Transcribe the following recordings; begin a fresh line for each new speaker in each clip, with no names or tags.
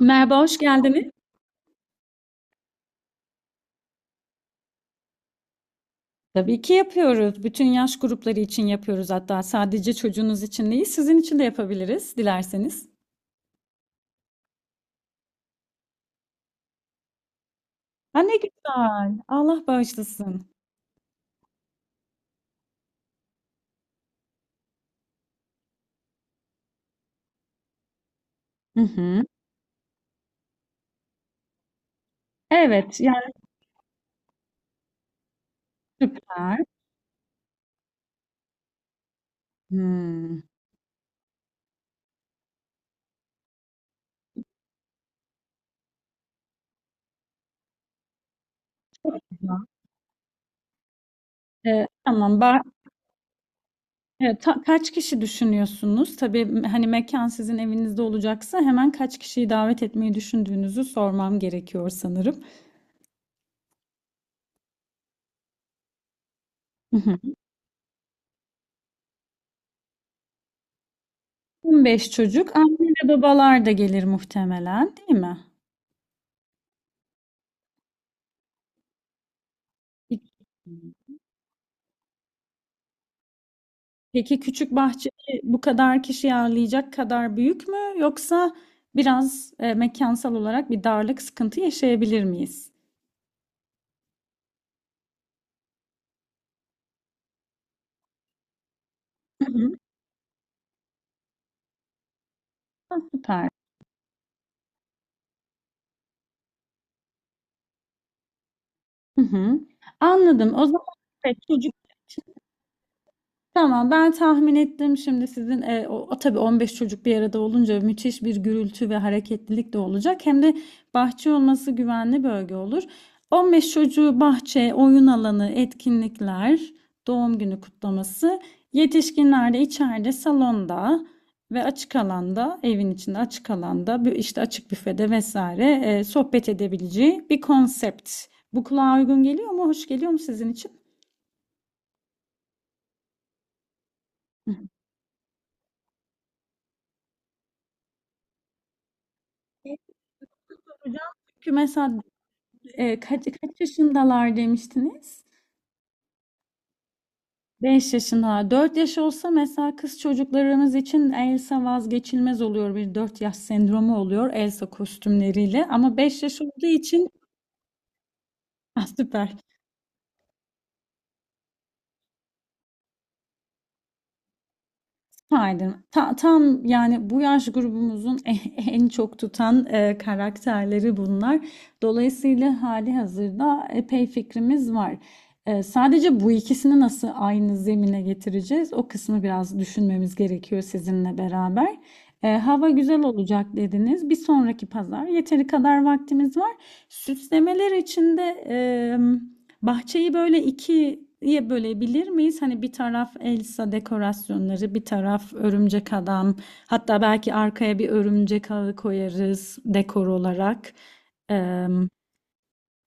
Merhaba, hoş geldiniz. Tabii ki yapıyoruz. Bütün yaş grupları için yapıyoruz hatta. Sadece çocuğunuz için değil, sizin için de yapabiliriz dilerseniz. Ha ne güzel. Allah bağışlasın. Hı hı. Evet, yani süper. Hmm. Tamam. Kaç kişi düşünüyorsunuz? Tabii hani mekan sizin evinizde olacaksa hemen kaç kişiyi davet etmeyi düşündüğünüzü sormam gerekiyor sanırım. Hı hı. 15 çocuk, anne ve babalar da gelir muhtemelen, değil mi? İki. Peki küçük bahçeyi bu kadar kişi ağırlayacak kadar büyük mü, yoksa biraz mekansal olarak bir darlık sıkıntı yaşayabilir miyiz? Hı hı. Ha, süper. Hı hı. Anladım. O zaman evet, tamam, ben tahmin ettim şimdi sizin o, o tabii 15 çocuk bir arada olunca müthiş bir gürültü ve hareketlilik de olacak. Hem de bahçe olması güvenli bölge olur. 15 çocuğu bahçe, oyun alanı, etkinlikler, doğum günü kutlaması, yetişkinler de içeride salonda ve açık alanda, evin içinde açık alanda, işte açık büfede vesaire sohbet edebileceği bir konsept. Bu kulağa uygun geliyor mu? Hoş geliyor mu sizin için? Hı. Hocam, çünkü mesela kaç yaşındalar demiştiniz? 5 yaşındalar. 4 yaş olsa mesela kız çocuklarımız için Elsa vazgeçilmez oluyor. Bir 4 yaş sendromu oluyor Elsa kostümleriyle. Ama 5 yaş olduğu için ah, süper. Aydın. Tam yani bu yaş grubumuzun en en çok tutan karakterleri bunlar. Dolayısıyla hali hazırda epey fikrimiz var. Sadece bu ikisini nasıl aynı zemine getireceğiz? O kısmı biraz düşünmemiz gerekiyor sizinle beraber. Hava güzel olacak dediniz. Bir sonraki pazar yeteri kadar vaktimiz var. Süslemeler için de bahçeyi böyle ikiye bölebilir miyiz? Hani bir taraf Elsa dekorasyonları, bir taraf örümcek adam. Hatta belki arkaya bir örümcek ağı koyarız dekor olarak. Eee,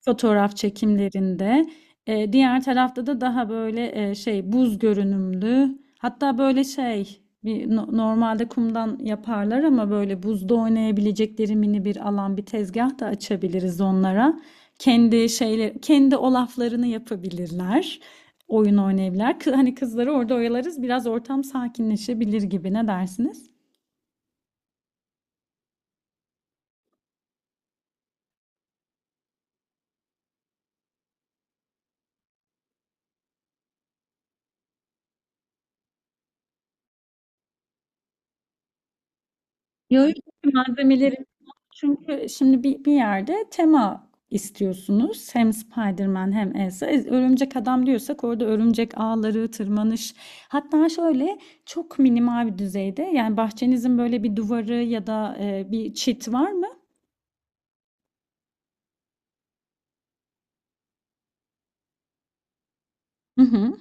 Fotoğraf çekimlerinde. Diğer tarafta da daha böyle şey, buz görünümlü. Hatta böyle şey bir normalde kumdan yaparlar ama böyle buzda oynayabilecekleri mini bir alan, bir tezgah da açabiliriz onlara. Kendi şeyle kendi olaflarını yapabilirler. Oyun oynayabilirler. Hani kızları orada oyalarız. Biraz ortam sakinleşebilir gibi. Ne dersiniz? Yo, yo, malzemeleri çünkü şimdi bir yerde tema istiyorsunuz. Hem Spider-Man hem Elsa. Örümcek adam diyorsak orada örümcek ağları, tırmanış. Hatta şöyle çok minimal bir düzeyde. Yani bahçenizin böyle bir duvarı ya da bir çit var mı? Hı hı.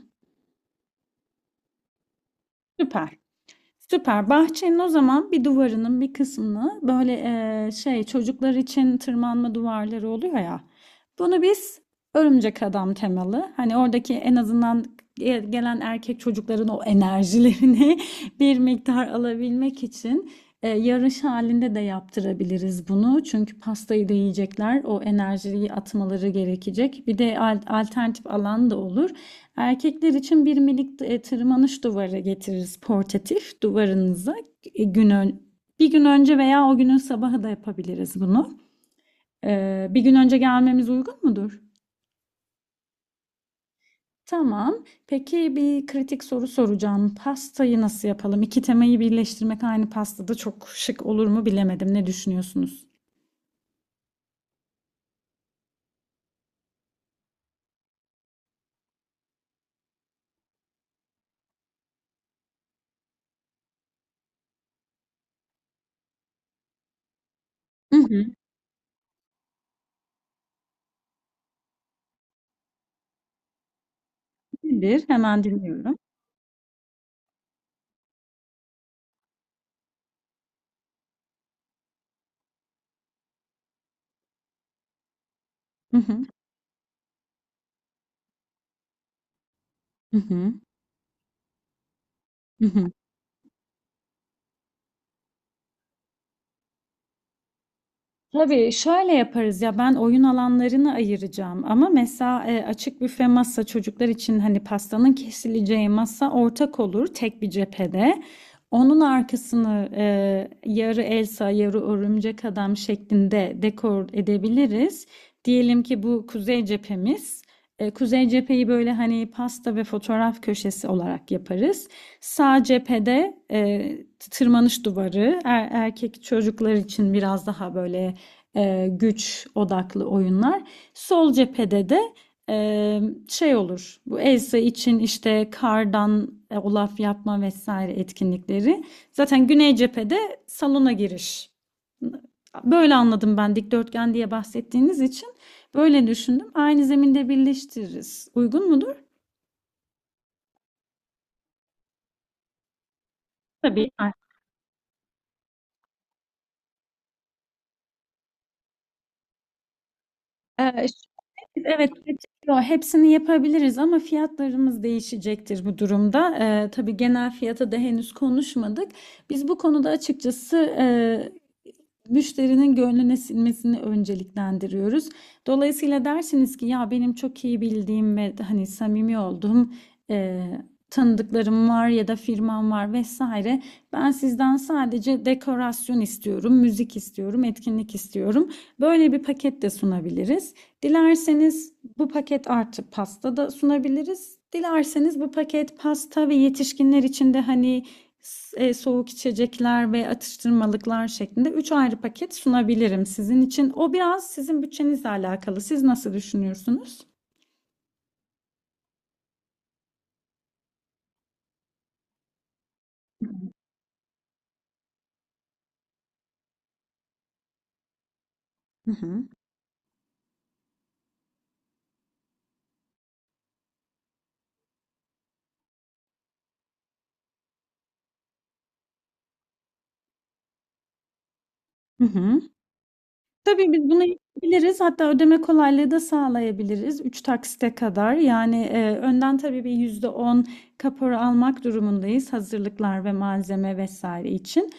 Süper. Süper. Bahçenin o zaman bir duvarının bir kısmını böyle, şey, çocuklar için tırmanma duvarları oluyor ya. Bunu biz örümcek adam temalı. Hani oradaki en azından gelen erkek çocukların o enerjilerini bir miktar alabilmek için yarış halinde de yaptırabiliriz bunu. Çünkü pastayı da yiyecekler. O enerjiyi atmaları gerekecek. Bir de alternatif alan da olur. Erkekler için bir minik tırmanış duvarı getiririz portatif duvarınıza. E, Gün Bir gün önce veya o günün sabahı da yapabiliriz bunu. Bir gün önce gelmemiz uygun mudur? Tamam. Peki, bir kritik soru soracağım. Pastayı nasıl yapalım? İki temayı birleştirmek aynı pastada çok şık olur mu, bilemedim. Ne düşünüyorsunuz? Hı hı. Nedir? Hemen dinliyorum. Hı hı. Hı hı. Hı hı. Tabii şöyle yaparız ya, ben oyun alanlarını ayıracağım ama mesela açık büfe masa, çocuklar için hani pastanın kesileceği masa ortak olur tek bir cephede. Onun arkasını yarı Elsa yarı örümcek adam şeklinde dekor edebiliriz. Diyelim ki bu kuzey cephemiz. Kuzey cepheyi böyle hani pasta ve fotoğraf köşesi olarak yaparız. Sağ cephede tırmanış duvarı, erkek çocuklar için biraz daha böyle güç odaklı oyunlar. Sol cephede de e, şey olur. Bu Elsa için işte kardan olaf yapma vesaire etkinlikleri. Zaten güney cephede salona giriş. Böyle anladım ben, dikdörtgen diye bahsettiğiniz için. Böyle düşündüm. Aynı zeminde birleştiririz. Uygun mudur? Tabii. Ee, Evet, petrol, hepsini yapabiliriz ama fiyatlarımız değişecektir bu durumda. Tabii genel fiyata da henüz konuşmadık. Biz bu konuda açıkçası müşterinin gönlüne sinmesini önceliklendiriyoruz. Dolayısıyla dersiniz ki ya benim çok iyi bildiğim ve hani samimi olduğum e, tanıdıklarım var ya da firmam var vesaire. Ben sizden sadece dekorasyon istiyorum, müzik istiyorum, etkinlik istiyorum. Böyle bir paket de sunabiliriz. Dilerseniz bu paket artı pasta da sunabiliriz. Dilerseniz bu paket, pasta ve yetişkinler için de hani soğuk içecekler ve atıştırmalıklar şeklinde 3 ayrı paket sunabilirim sizin için. O biraz sizin bütçenizle alakalı. Siz nasıl düşünüyorsunuz? Hı hı. Hı hı. Tabii biz bunu yapabiliriz. Hatta ödeme kolaylığı da sağlayabiliriz 3 taksite kadar. Yani, önden tabii bir %10 kapora almak durumundayız hazırlıklar ve malzeme vesaire için.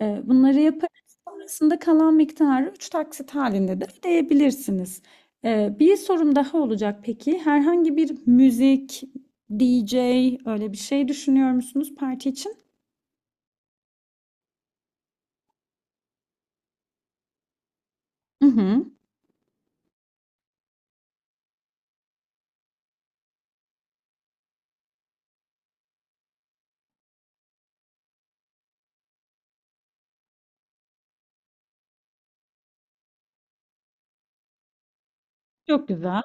Bunları yaparız. Sonrasında kalan miktarı 3 taksit halinde de ödeyebilirsiniz. Bir sorum daha olacak peki. Herhangi bir müzik, DJ, öyle bir şey düşünüyor musunuz parti için? I hı. Çok güzel.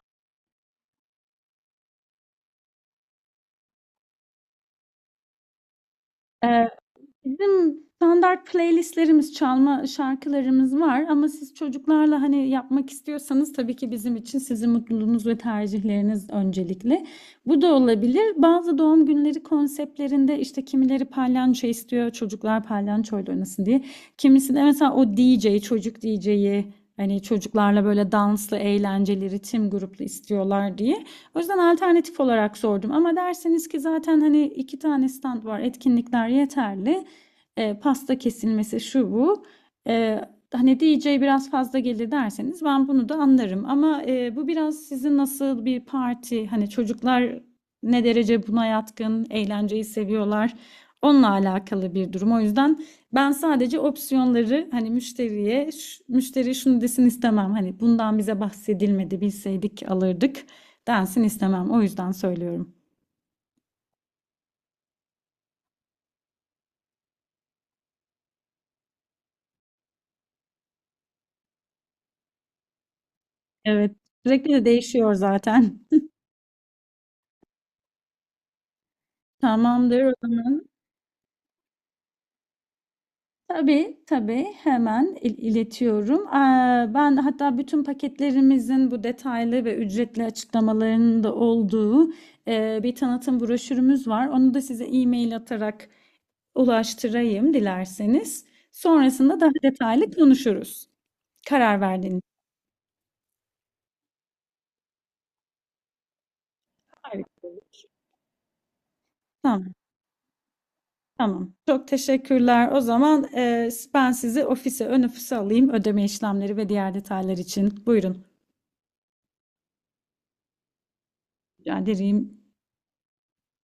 Bizim standart playlistlerimiz, çalma şarkılarımız var ama siz çocuklarla hani yapmak istiyorsanız, tabii ki bizim için sizin mutluluğunuz ve tercihleriniz öncelikli. Bu da olabilir. Bazı doğum günleri konseptlerinde işte kimileri palyanço istiyor, çocuklar palyançoyla oynasın diye. Kimisi de mesela o DJ, çocuk DJ'yi hani çocuklarla böyle danslı, eğlenceli, ritim gruplu istiyorlar diye. O yüzden alternatif olarak sordum ama derseniz ki zaten hani iki tane stand var, etkinlikler yeterli, pasta kesilmesi şu bu. E, Hani DJ biraz fazla gelir derseniz, ben bunu da anlarım. Ama bu biraz sizin nasıl bir parti, hani çocuklar ne derece buna yatkın, eğlenceyi seviyorlar. Onunla alakalı bir durum. O yüzden ben sadece opsiyonları hani müşteriye, müşteri şunu desin istemem. Hani bundan bize bahsedilmedi, bilseydik alırdık densin istemem. O yüzden söylüyorum. Evet. Sürekli de değişiyor zaten. Tamamdır o zaman. Tabii, tabii. Hemen iletiyorum. Ben hatta bütün paketlerimizin bu detaylı ve ücretli açıklamalarının da olduğu bir tanıtım broşürümüz var. Onu da size e-mail atarak ulaştırayım dilerseniz. Sonrasında daha detaylı konuşuruz. Karar verdiğiniz. Harika. Tamam, tamam. Çok teşekkürler. O zaman ben sizi ofise, ön ofise alayım ödeme işlemleri ve diğer detaylar için. Buyurun. Rica ederim.